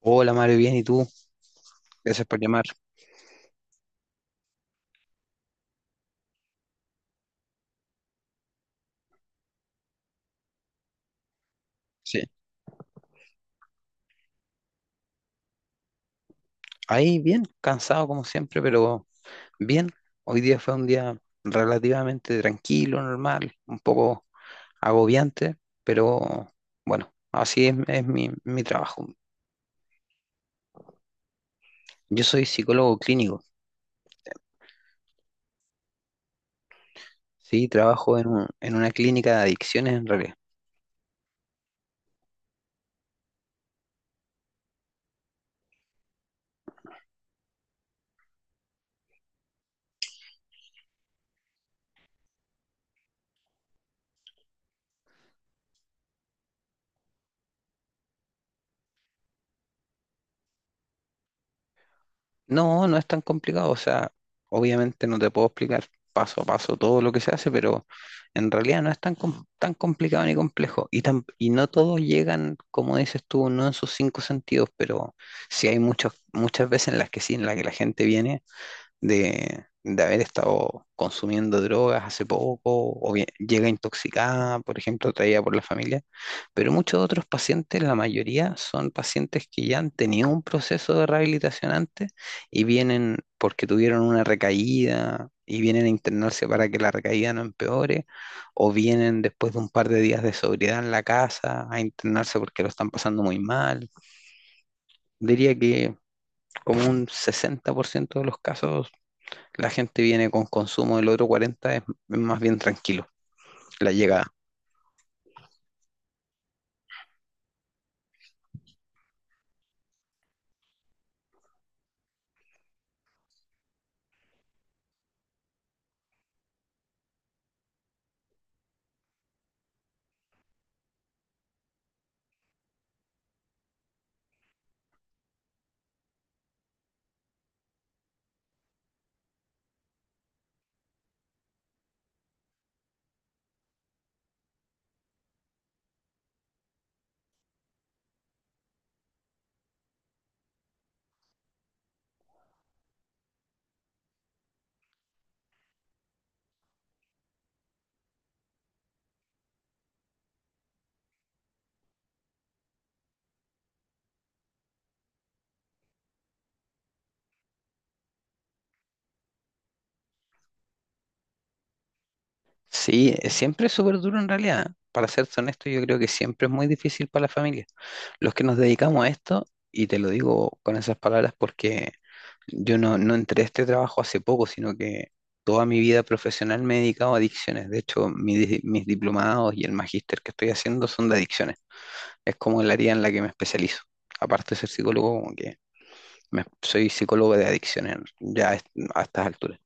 Hola Mario, bien, ¿y tú? Gracias por llamar. Sí, ahí bien, cansado como siempre, pero bien. Hoy día fue un día relativamente tranquilo, normal, un poco agobiante, pero bueno, así es, mi trabajo. Yo soy psicólogo clínico, sí, trabajo en una clínica de adicciones en realidad. No, no es tan complicado, o sea, obviamente no te puedo explicar paso a paso todo lo que se hace, pero en realidad no es tan complicado ni complejo. Y, no todos llegan, como dices tú, no en sus cinco sentidos, pero sí hay muchas veces en las que sí, en las que la gente viene de haber estado consumiendo drogas hace poco, o bien llega intoxicada, por ejemplo, traída por la familia. Pero muchos otros pacientes, la mayoría, son pacientes que ya han tenido un proceso de rehabilitación antes y vienen porque tuvieron una recaída y vienen a internarse para que la recaída no empeore, o vienen después de un par de días de sobriedad en la casa a internarse porque lo están pasando muy mal. Diría que como un 60% de los casos, la gente viene con consumo. Del otro 40, es más bien tranquilo la llegada. Sí, siempre es súper duro en realidad. Para serte honesto, yo creo que siempre es muy difícil para la familia. Los que nos dedicamos a esto, y te lo digo con esas palabras porque yo no entré a este trabajo hace poco, sino que toda mi vida profesional me he dedicado a adicciones. De hecho, mis diplomados y el magíster que estoy haciendo son de adicciones. Es como el área en la que me especializo. Aparte de ser psicólogo, como que soy psicólogo de adicciones ya a estas alturas.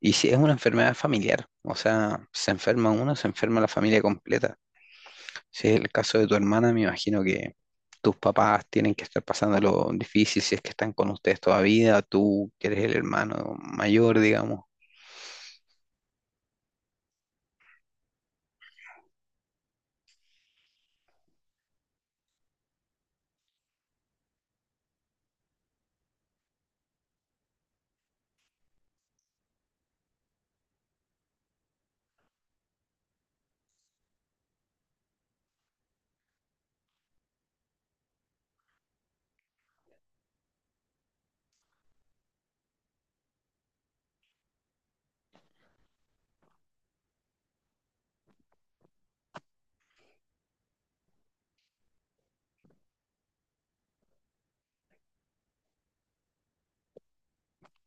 Y si es una enfermedad familiar, o sea, se enferma uno, se enferma la familia completa. Si es el caso de tu hermana, me imagino que tus papás tienen que estar pasando lo difícil, si es que están con ustedes todavía, tú que eres el hermano mayor, digamos.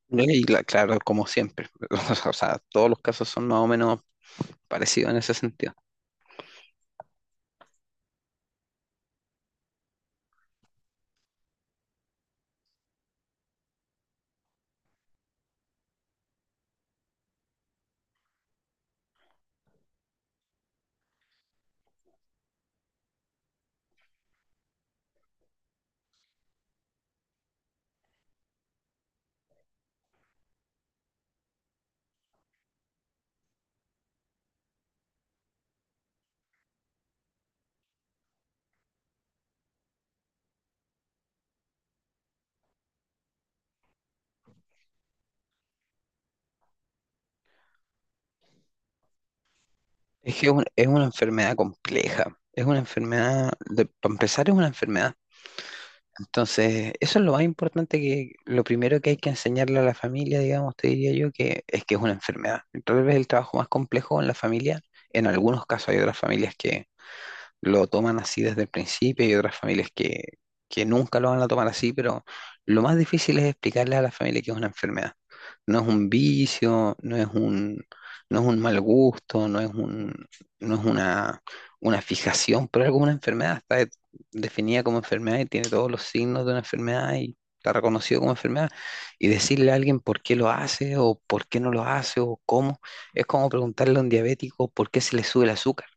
Y claro, como siempre, o sea, todos los casos son más o menos parecidos en ese sentido. Es que es una enfermedad compleja, es una enfermedad, para empezar, es una enfermedad. Entonces, eso es lo más importante, que lo primero que hay que enseñarle a la familia, digamos, te diría yo, que es una enfermedad. Tal vez el trabajo más complejo en la familia: en algunos casos hay otras familias que lo toman así desde el principio y otras familias que nunca lo van a tomar así, pero lo más difícil es explicarles a la familia que es una enfermedad. No es un vicio, no es un mal gusto, no es una fijación pero algo, es como una enfermedad. Está definida como enfermedad y tiene todos los signos de una enfermedad y está reconocido como enfermedad. Y decirle a alguien por qué lo hace o por qué no lo hace o cómo, es como preguntarle a un diabético por qué se le sube el azúcar.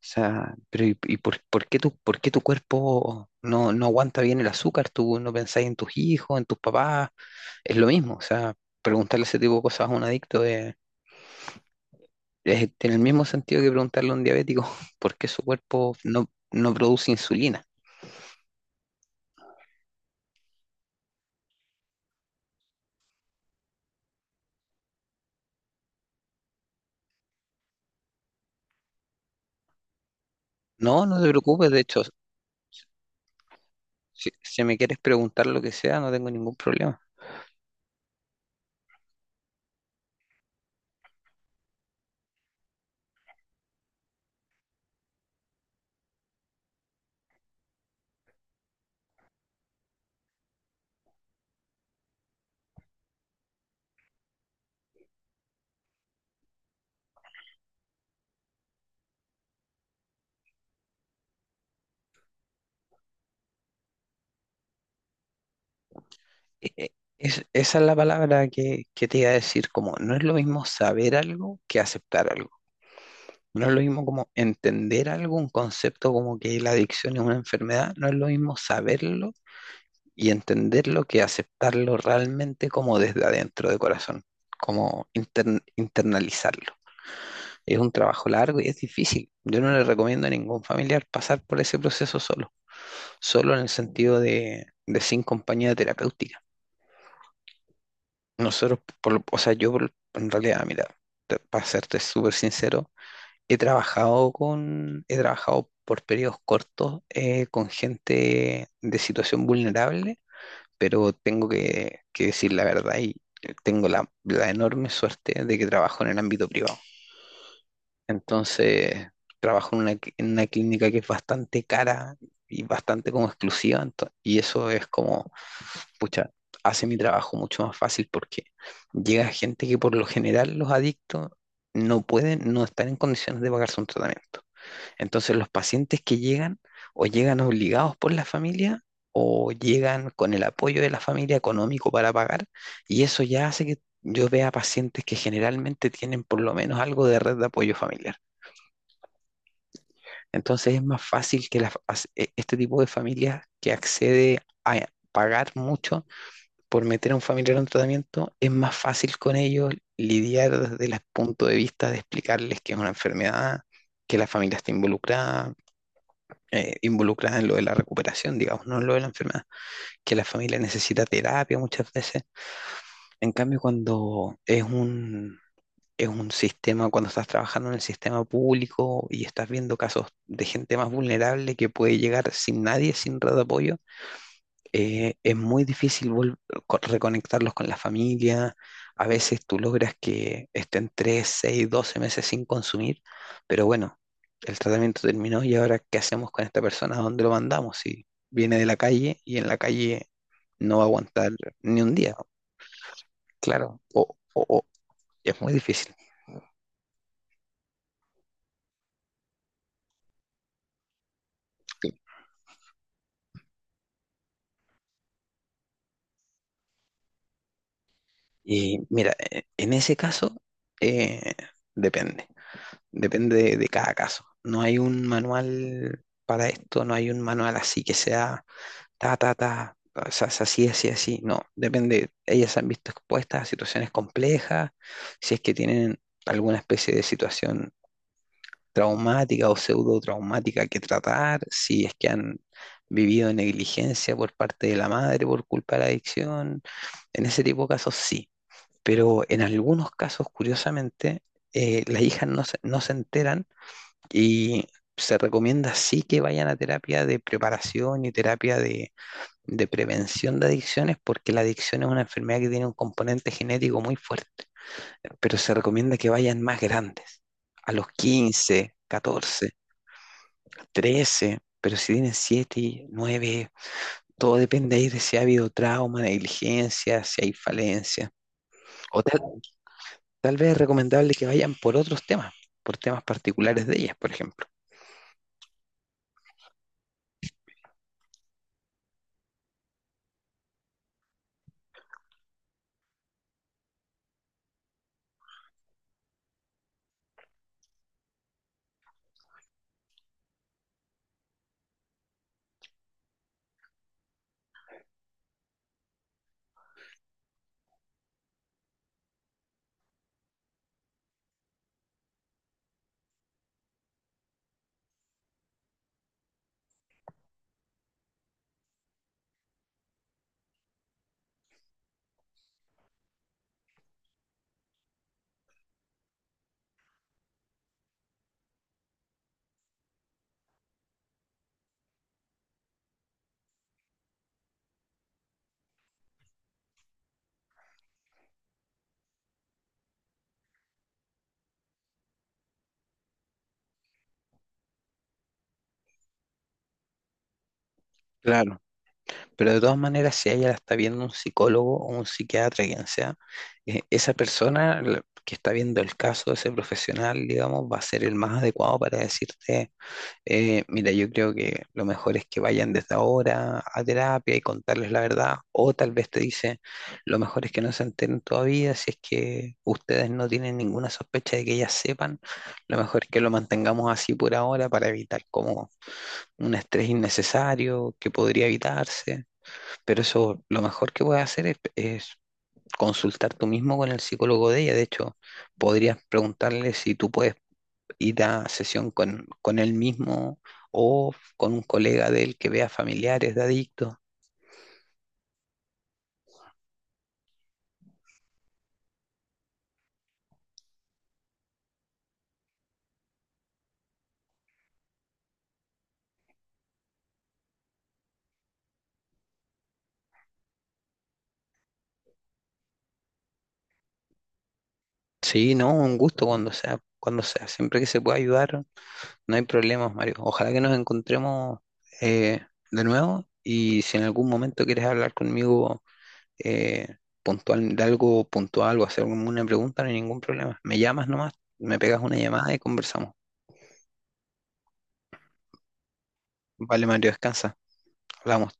O sea, pero y por qué tu cuerpo no aguanta bien el azúcar? ¿Tú no pensás en tus hijos, en tus papás? Es lo mismo. O sea, preguntarle ese tipo de cosas a un adicto tiene el mismo sentido que preguntarle a un diabético por qué su cuerpo no produce insulina. No, no te preocupes. De hecho, si me quieres preguntar lo que sea, no tengo ningún problema. E- e- Esa es la palabra que te iba a decir: como no es lo mismo saber algo que aceptar algo. No es lo mismo como entender algo, un concepto como que la adicción es una enfermedad. No es lo mismo saberlo y entenderlo que aceptarlo realmente como desde adentro de corazón, como internalizarlo. Es un trabajo largo y es difícil. Yo no le recomiendo a ningún familiar pasar por ese proceso solo, solo en el sentido de, sin compañía terapéutica. Nosotros, o sea, en realidad, mira, para serte súper sincero, he trabajado he trabajado por periodos cortos con gente de situación vulnerable, pero tengo que decir la verdad, y tengo la enorme suerte de que trabajo en el ámbito privado. Entonces, trabajo en una clínica que es bastante cara y bastante como exclusiva, y eso es como, pucha, hace mi trabajo mucho más fácil, porque llega gente que... Por lo general los adictos no pueden, no están en condiciones de pagarse un tratamiento. Entonces los pacientes que llegan, o llegan obligados por la familia, o llegan con el apoyo de la familia económico para pagar, y eso ya hace que yo vea pacientes que generalmente tienen por lo menos algo de red de apoyo familiar. Entonces es más fácil que la fa- as- e- este tipo de familia, que accede a pagar mucho por meter a un familiar en tratamiento, es más fácil con ellos lidiar desde el punto de vista de explicarles que es una enfermedad, que la familia está involucrada, involucradas en lo de la recuperación, digamos, no en lo de la enfermedad, que la familia necesita terapia muchas veces. En cambio, cuando es un sistema, cuando estás trabajando en el sistema público y estás viendo casos de gente más vulnerable que puede llegar sin nadie, sin red de apoyo, es muy difícil reconectarlos con la familia. A veces tú logras que estén 3 6 12 meses sin consumir, pero bueno, el tratamiento terminó y ahora ¿qué hacemos con esta persona? ¿A dónde lo mandamos? Si viene de la calle y en la calle no va a aguantar ni un día, claro, o es muy difícil. Sí. Y mira, en ese caso, eh, depende. Depende de cada caso. No hay un manual para esto, no hay un manual así que sea ta, ta, ta, o sea, es así, así, así. No, depende. Ellas se han visto expuestas a situaciones complejas, si es que tienen alguna especie de situación traumática o pseudo traumática que tratar, si es que han vivido negligencia por parte de la madre por culpa de la adicción. En ese tipo de casos sí, pero en algunos casos, curiosamente, las hijas no se enteran, y se recomienda sí que vayan a terapia de preparación y terapia de prevención de adicciones, porque la adicción es una enfermedad que tiene un componente genético muy fuerte, pero se recomienda que vayan más grandes, a los 15 14 13, pero si tienen 7, 9, todo depende ahí de si ha habido trauma, negligencia, si hay falencia, o tal vez es recomendable que vayan por otros temas, por temas particulares de ellas, por ejemplo. Claro. Pero de todas maneras, si ella la está viendo un psicólogo o un psiquiatra, quien sea, esa persona que está viendo el caso, ese profesional, digamos, va a ser el más adecuado para decirte, mira, yo creo que lo mejor es que vayan desde ahora a terapia y contarles la verdad, o tal vez te dice lo mejor es que no se enteren todavía, si es que ustedes no tienen ninguna sospecha de que ellas sepan, lo mejor es que lo mantengamos así por ahora para evitar como un estrés innecesario que podría evitarse. Pero eso, lo mejor que puedes hacer es consultar tú mismo con el psicólogo de ella. De hecho, podrías preguntarle si tú puedes ir a sesión con él mismo, o con un colega de él que vea familiares de adictos. Sí, no, un gusto, cuando sea, cuando sea. Siempre que se pueda ayudar, no hay problemas, Mario. Ojalá que nos encontremos eh, de nuevo, y si en algún momento quieres hablar conmigo eh, puntual, de algo puntual, o hacer una pregunta, no hay ningún problema. Me llamas nomás, me pegas una llamada y conversamos. Vale, Mario, descansa. Hablamos.